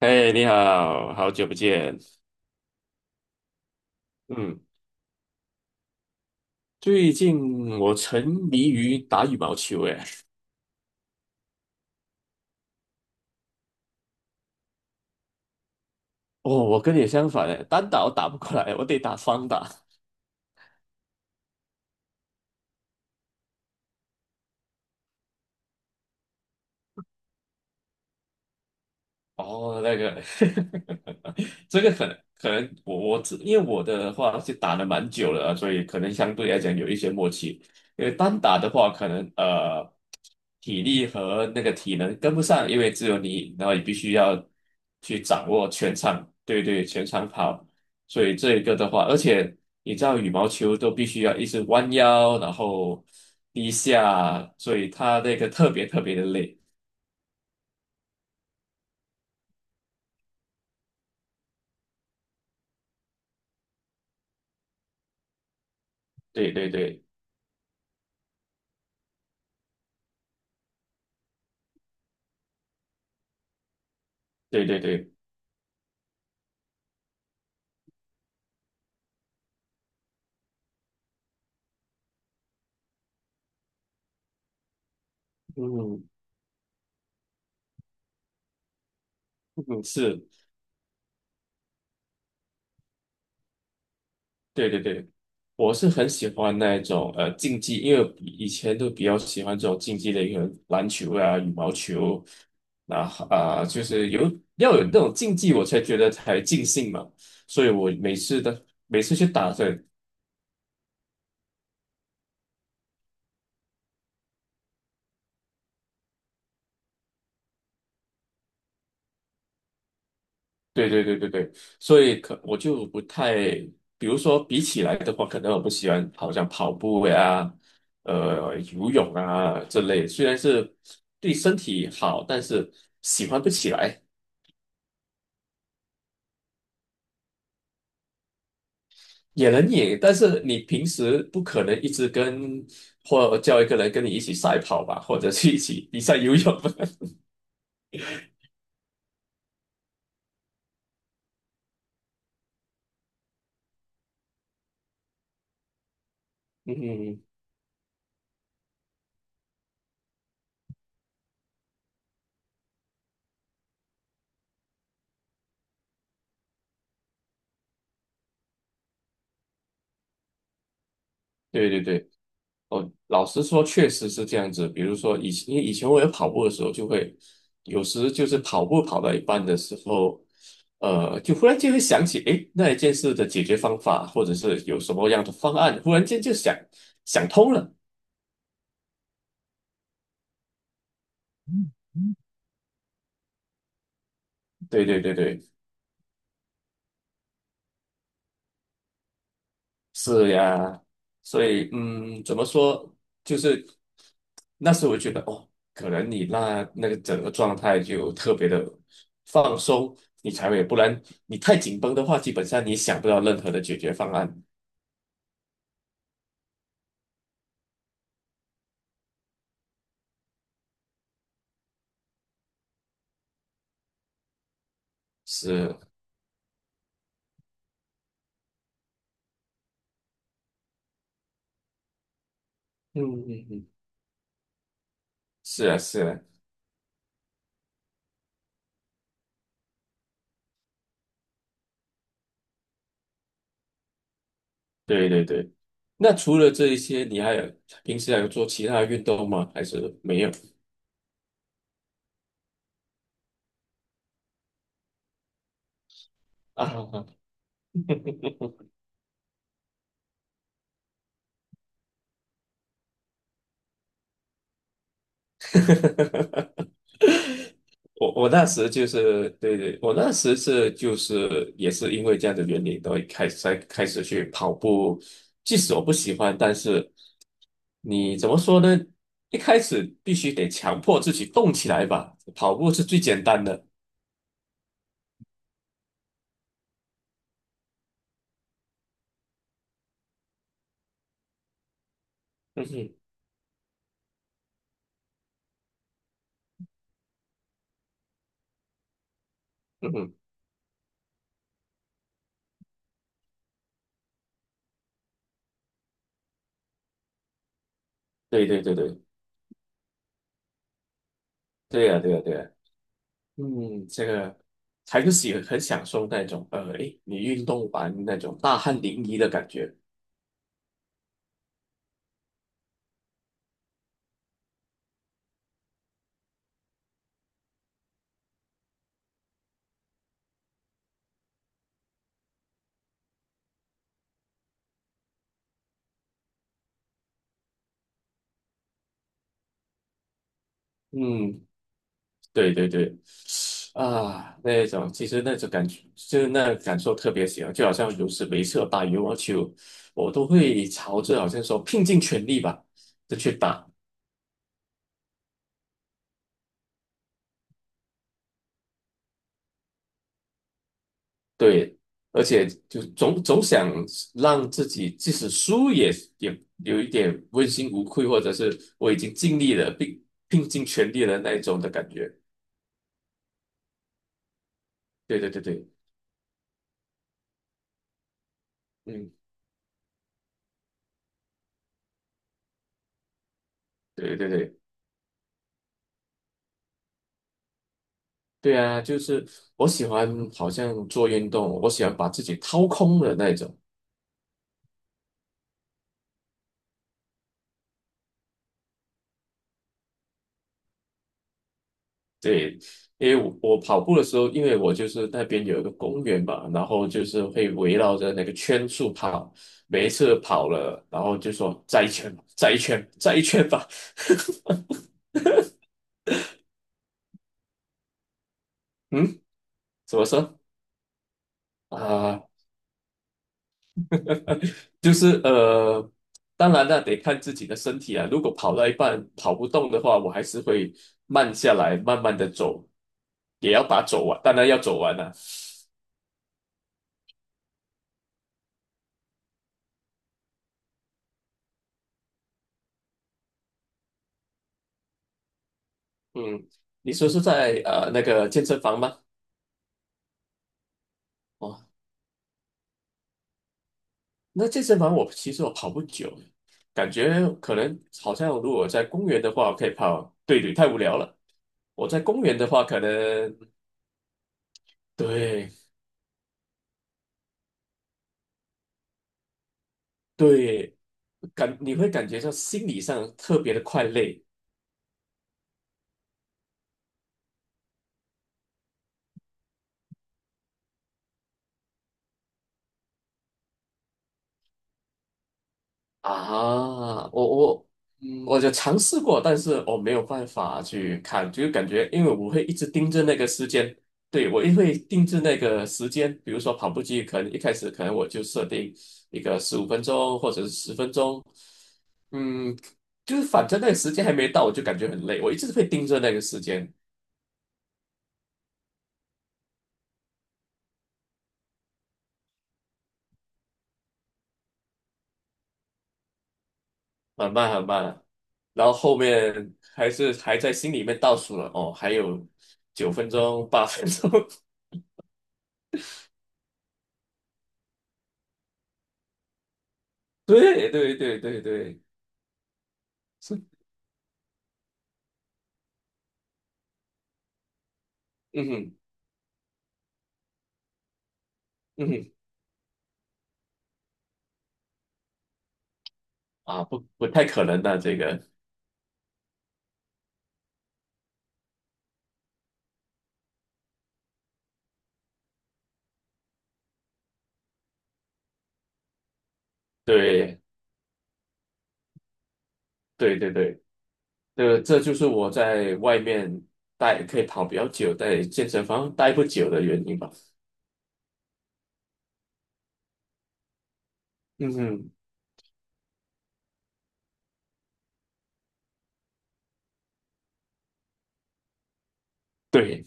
哎，你好，好久不见。嗯，最近我沉迷于打羽毛球，哎。哦，我跟你相反，哎，单打我打不过来，我得打双打。哦，那个，这个可能我只因为我的话是打了蛮久了啊，所以可能相对来讲有一些默契。因为单打的话，可能体力和那个体能跟不上，因为只有你，然后你必须要去掌握全场。对对，全场跑。所以这一个的话，而且你知道羽毛球都必须要一直弯腰，然后低下，所以它那个特别特别的累。对对对对对对。嗯。嗯，是，对对对，我是很喜欢那一种竞技，因为以前都比较喜欢这种竞技类，可能篮球啊、羽毛球。那啊、就是有要有那种竞技，我才觉得才尽兴嘛。所以我每次去打的。对对对对对，所以可我就不太，比如说比起来的话，可能我不喜欢好像跑步呀、游泳啊这类，虽然是对身体好，但是喜欢不起来。也能赢，但是你平时不可能一直跟或叫一个人跟你一起赛跑吧，或者是一起比赛游泳。嗯，对对对，哦，老实说，确实是这样子。比如说以前，因为以前我有跑步的时候，就会有时就是跑步跑到一半的时候，就忽然间会想起，诶，那一件事的解决方法，或者是有什么样的方案，忽然间就想通了。对对对对。是呀，所以怎么说，就是那时我觉得哦，可能你那个整个状态就特别的放松，你才会，不然你太紧绷的话，基本上你想不到任何的解决方案。是，嗯嗯嗯，是啊是啊，对对对。那除了这一些，你还有平时还有做其他的运动吗？还是没有？啊，我那时就是对对，我那时就是也是因为这样的原因，都会开始才开始去跑步。即使我不喜欢，但是你怎么说呢？一开始必须得强迫自己动起来吧，跑步是最简单的。嗯哼，嗯哼，对对对对，对呀对呀对呀，嗯，这个还是很享受那种，诶，你运动完那种大汗淋漓的感觉。嗯，对对对，啊，那种其实那种感觉，就是那感受特别强，就好像有时没事打羽毛球，我都会朝着好像说拼尽全力吧，就去打。对，而且就总想让自己即使输也有一点问心无愧，或者是我已经尽力了，并拼尽全力了那一种的感觉。对对对对，嗯，对对对。对啊，就是我喜欢好像做运动，我喜欢把自己掏空的那种。对，因为我跑步的时候，因为我就是那边有一个公园嘛，然后就是会围绕着那个圈数跑，每一次跑了，然后就说再一圈吧，再一圈，再一圈吧。嗯，怎么说啊、就是，当然那得看自己的身体啊。如果跑到一半跑不动的话，我还是会慢下来，慢慢的走，也要把它走完，当然要走完了、嗯，你说是在那个健身房吗？哦。那健身房我其实跑不久，感觉可能好像如果在公园的话，我可以跑。对对，太无聊了。我在公园的话，可能对对，你会感觉到心理上特别的快累。啊，我就尝试过，但是我没有办法去看，就感觉因为我会一直盯着那个时间，对，我也会盯着那个时间，比如说跑步机，可能一开始可能我就设定一个15分钟或者是10分钟，嗯，就是反正那个时间还没到，我就感觉很累，我一直会盯着那个时间，很慢很慢，然后后面还是还在心里面倒数了，哦，还有9分钟、8分钟。对对对对对。是，嗯哼，嗯哼，啊，不，不太可能的，这个，对，对，对，对，这就是我在外面待可以跑比较久，在健身房待不久的原因吧。嗯哼，对，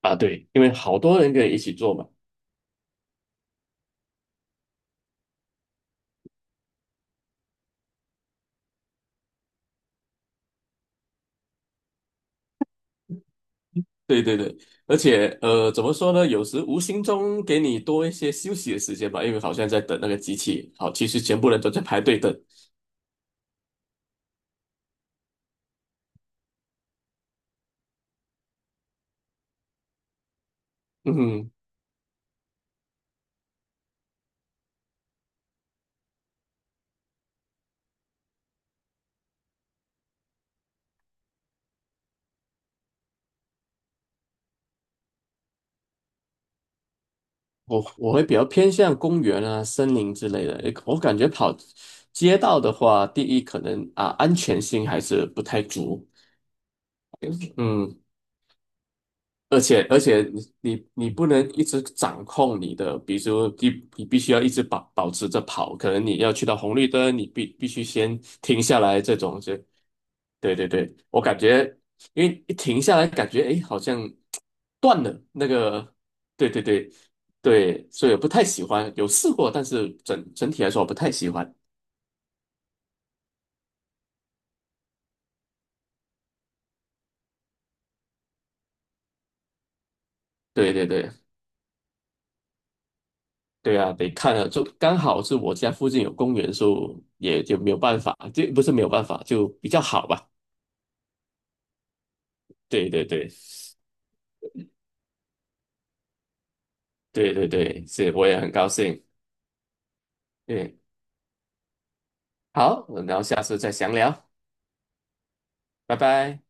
啊，对，因为好多人可以一起做嘛。对对对，而且，怎么说呢？有时无形中给你多一些休息的时间吧，因为好像在等那个机器，好，其实全部人都在排队等。嗯哼，我会比较偏向公园啊、森林之类的。诶我感觉跑街道的话，第一可能啊安全性还是不太足，嗯，而且你不能一直掌控你的，比如说你必须要一直保持着跑，可能你要去到红绿灯，你必须先停下来，这种就，对对对，我感觉因为一停下来，感觉诶好像断了那个，对对对对，所以我不太喜欢，有试过，但是整体来说我不太喜欢，对对对。对啊，得看了，就刚好是我家附近有公园，所以也就没有办法，就不是没有办法，就比较好吧。对对对，对对对，是，我也很高兴。嗯，好，我们然后下次再详聊。拜拜。